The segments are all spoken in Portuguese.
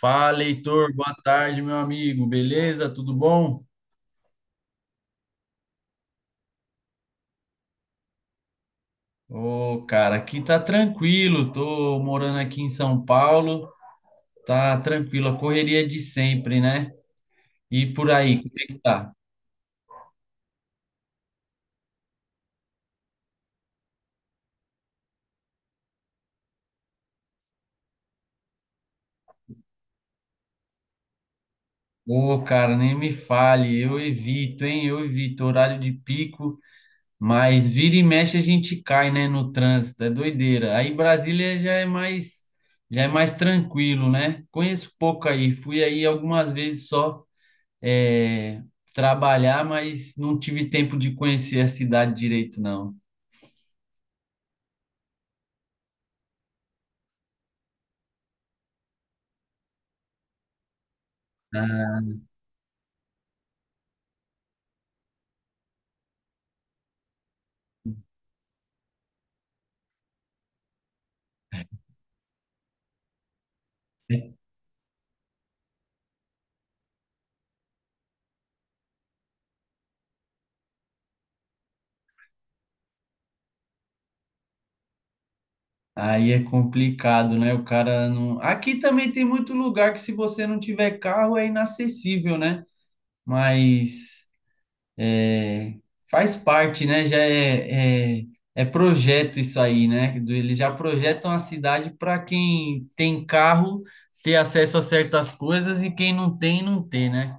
Fala, Heitor, boa tarde, meu amigo. Beleza? Tudo bom? Ô, cara, aqui tá tranquilo. Tô morando aqui em São Paulo. Tá tranquilo, a correria de sempre, né? E por aí, como é que tá? Ô, cara, nem me fale. Eu evito, hein? Eu evito horário de pico, mas vira e mexe a gente cai, né, no trânsito. É doideira. Aí Brasília já é mais tranquilo, né? Conheço pouco aí. Fui aí algumas vezes só. É, trabalhar, mas não tive tempo de conhecer a cidade direito, não. Ah, aí é complicado, né? O cara não. Aqui também tem muito lugar que, se você não tiver carro, é inacessível, né? Mas é, faz parte, né? É projeto isso aí, né? Eles já projetam a cidade para quem tem carro ter acesso a certas coisas e quem não tem, não ter, né?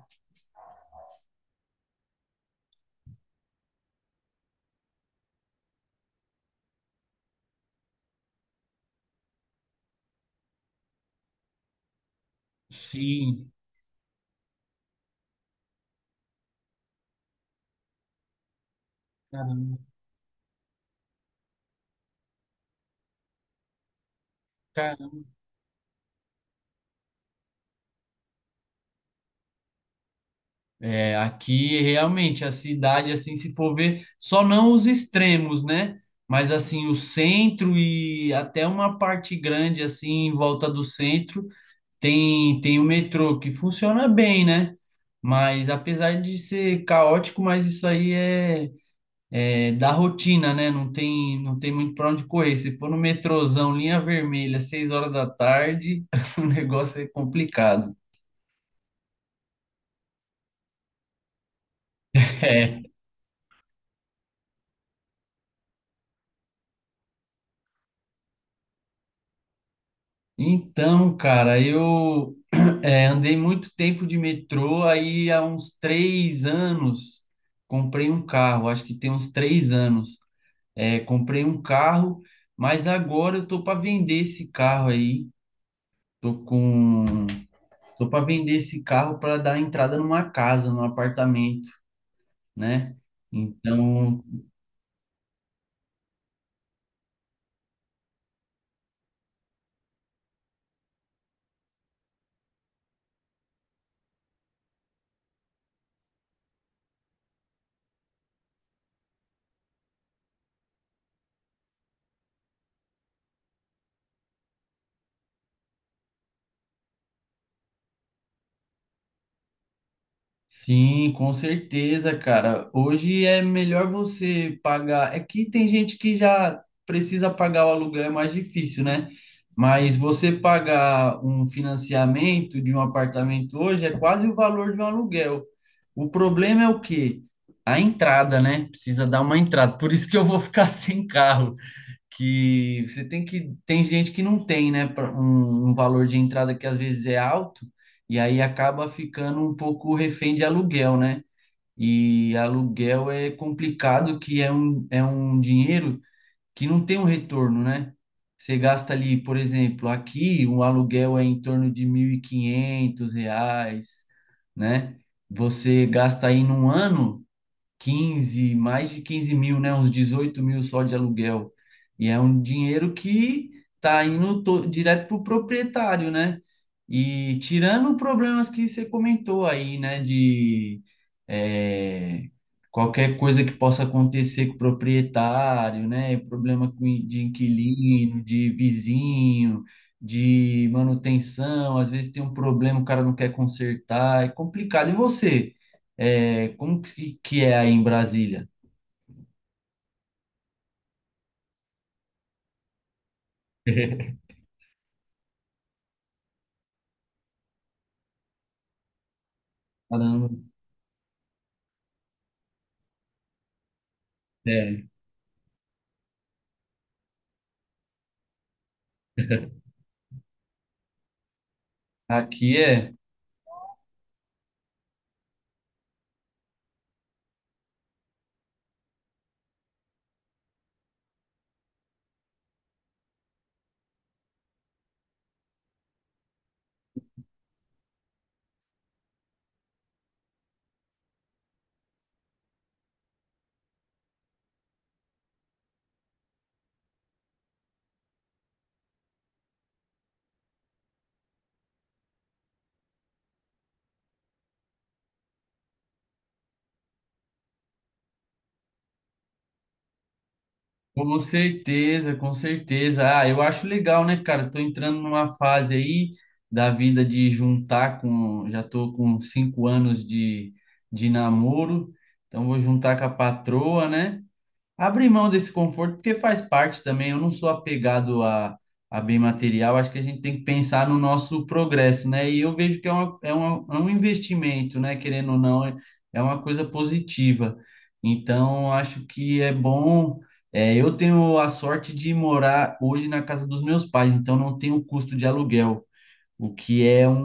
Sim, caramba. É, aqui realmente a cidade, assim, se for ver, só não os extremos, né? Mas assim, o centro e até uma parte grande, assim, em volta do centro, tem o metrô que funciona bem, né? Mas apesar de ser caótico, mas isso aí é, é da rotina, né? Não tem muito para onde correr. Se for no metrôzão, linha vermelha, seis horas da tarde, o negócio é complicado. É. Então, cara, eu andei muito tempo de metrô, aí há uns 3 anos comprei um carro, acho que tem uns 3 anos. Comprei um carro, mas agora eu tô para vender esse carro aí. Tô com, tô para vender esse carro para dar entrada numa casa, num apartamento, né? Então, sim, com certeza, cara. Hoje é melhor você pagar. É que tem gente que já precisa pagar o aluguel, é mais difícil, né? Mas você pagar um financiamento de um apartamento hoje é quase o valor de um aluguel. O problema é o quê? A entrada, né? Precisa dar uma entrada. Por isso que eu vou ficar sem carro que você tem que tem gente que não tem, né, um, um valor de entrada que às vezes é alto e aí acaba ficando um pouco refém de aluguel, né? E aluguel é complicado que é um dinheiro que não tem um retorno, né? Você gasta ali, por exemplo, aqui um aluguel é em torno de R$ 1.500, né? Você gasta aí num ano 15 mais de 15 mil, né? Uns 18 mil só de aluguel. E é um dinheiro que direto para o proprietário, né? E tirando problemas que você comentou aí, né? De é, qualquer coisa que possa acontecer com o proprietário, né? Problema de inquilino, de vizinho, de manutenção. Às vezes tem um problema, o cara não quer consertar, é complicado. E você? É, que é aí em Brasília? Caramba. É. Aqui é, com certeza, com certeza. Ah, eu acho legal, né, cara? Tô entrando numa fase aí da vida de juntar com, já tô com 5 anos de namoro, então vou juntar com a patroa, né? Abrir mão desse conforto, porque faz parte também. Eu não sou apegado a bem material, acho que a gente tem que pensar no nosso progresso, né? E eu vejo que é um investimento, né? Querendo ou não, é, é uma coisa positiva. Então, acho que é bom. É, eu tenho a sorte de morar hoje na casa dos meus pais, então não tenho custo de aluguel. O que é um,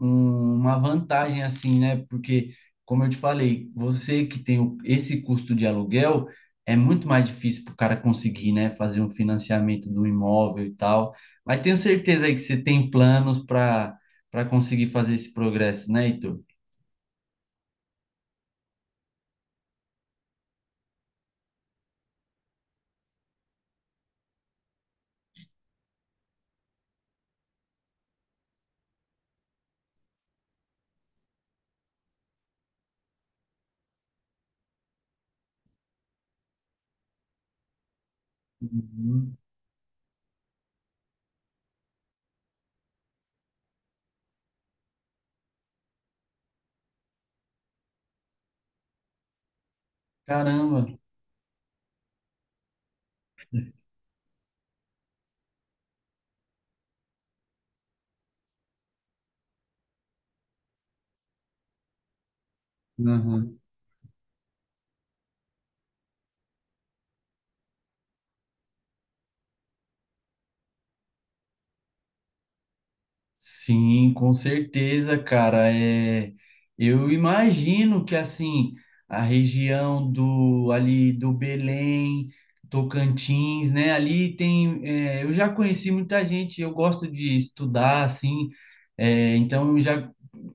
um- uma vantagem, assim, né? Porque, como eu te falei, você que tem esse custo de aluguel, é muito mais difícil para o cara conseguir, né? Fazer um financiamento do imóvel e tal. Mas tenho certeza aí que você tem planos para conseguir fazer esse progresso, né, Heitor? Uhum. Caramba! Sim, com certeza, cara. É, eu imagino que assim a região do ali do Belém, Tocantins, né? Ali tem, é, eu já conheci muita gente. Eu gosto de estudar, assim. É, então já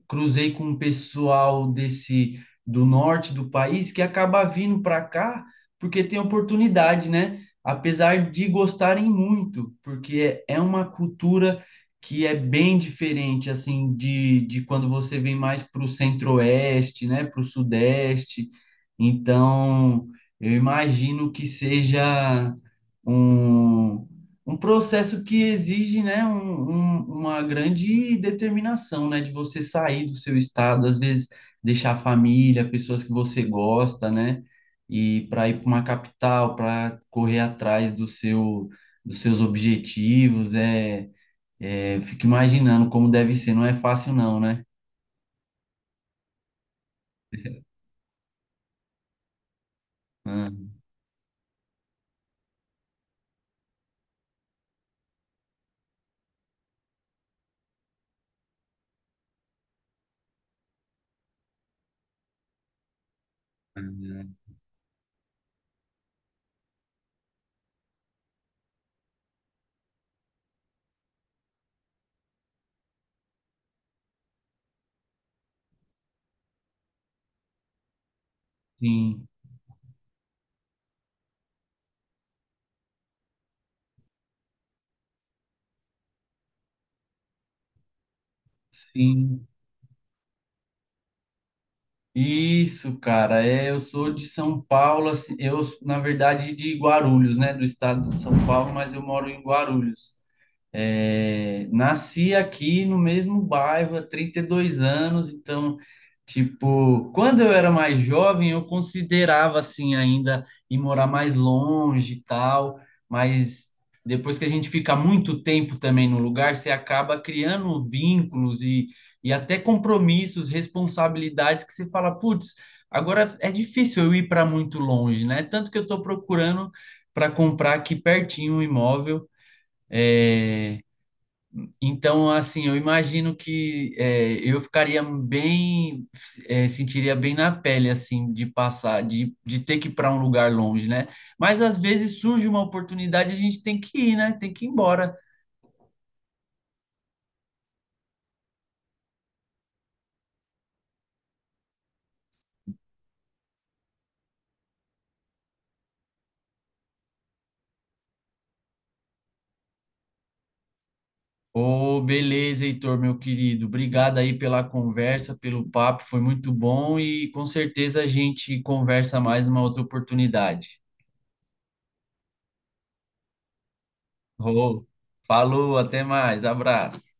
cruzei com um pessoal desse do norte do país que acaba vindo para cá porque tem oportunidade, né? Apesar de gostarem muito, porque é uma cultura que é bem diferente assim de quando você vem mais para o centro-oeste, né? Para o sudeste. Então, eu imagino que seja um, processo que exige, né, uma grande determinação, né, de você sair do seu estado, às vezes deixar a família, pessoas que você gosta, né, e para ir para uma capital, para correr atrás do dos seus objetivos, é, fico imaginando como deve ser, não é fácil não, né? Ah, ah, sim, sim. Isso, cara, é, eu sou de São Paulo, assim, eu, na verdade, de Guarulhos, né, do estado de São Paulo, mas eu moro em Guarulhos. É, nasci aqui no mesmo bairro há 32 anos, então, tipo, quando eu era mais jovem, eu considerava assim ainda ir morar mais longe e tal, mas depois que a gente fica muito tempo também no lugar, você acaba criando vínculos e até compromissos, responsabilidades que você fala, putz, agora é difícil eu ir para muito longe, né? Tanto que eu estou procurando para comprar aqui pertinho um imóvel, então, assim, eu imagino que é, eu ficaria bem, é, sentiria bem na pele, assim, de passar, de ter que ir para um lugar longe, né? Mas às vezes surge uma oportunidade, a gente tem que ir, né? Tem que ir embora. Ô, beleza, Heitor, meu querido. Obrigado aí pela conversa, pelo papo, foi muito bom e com certeza a gente conversa mais numa outra oportunidade. Ô, falou, até mais, abraço.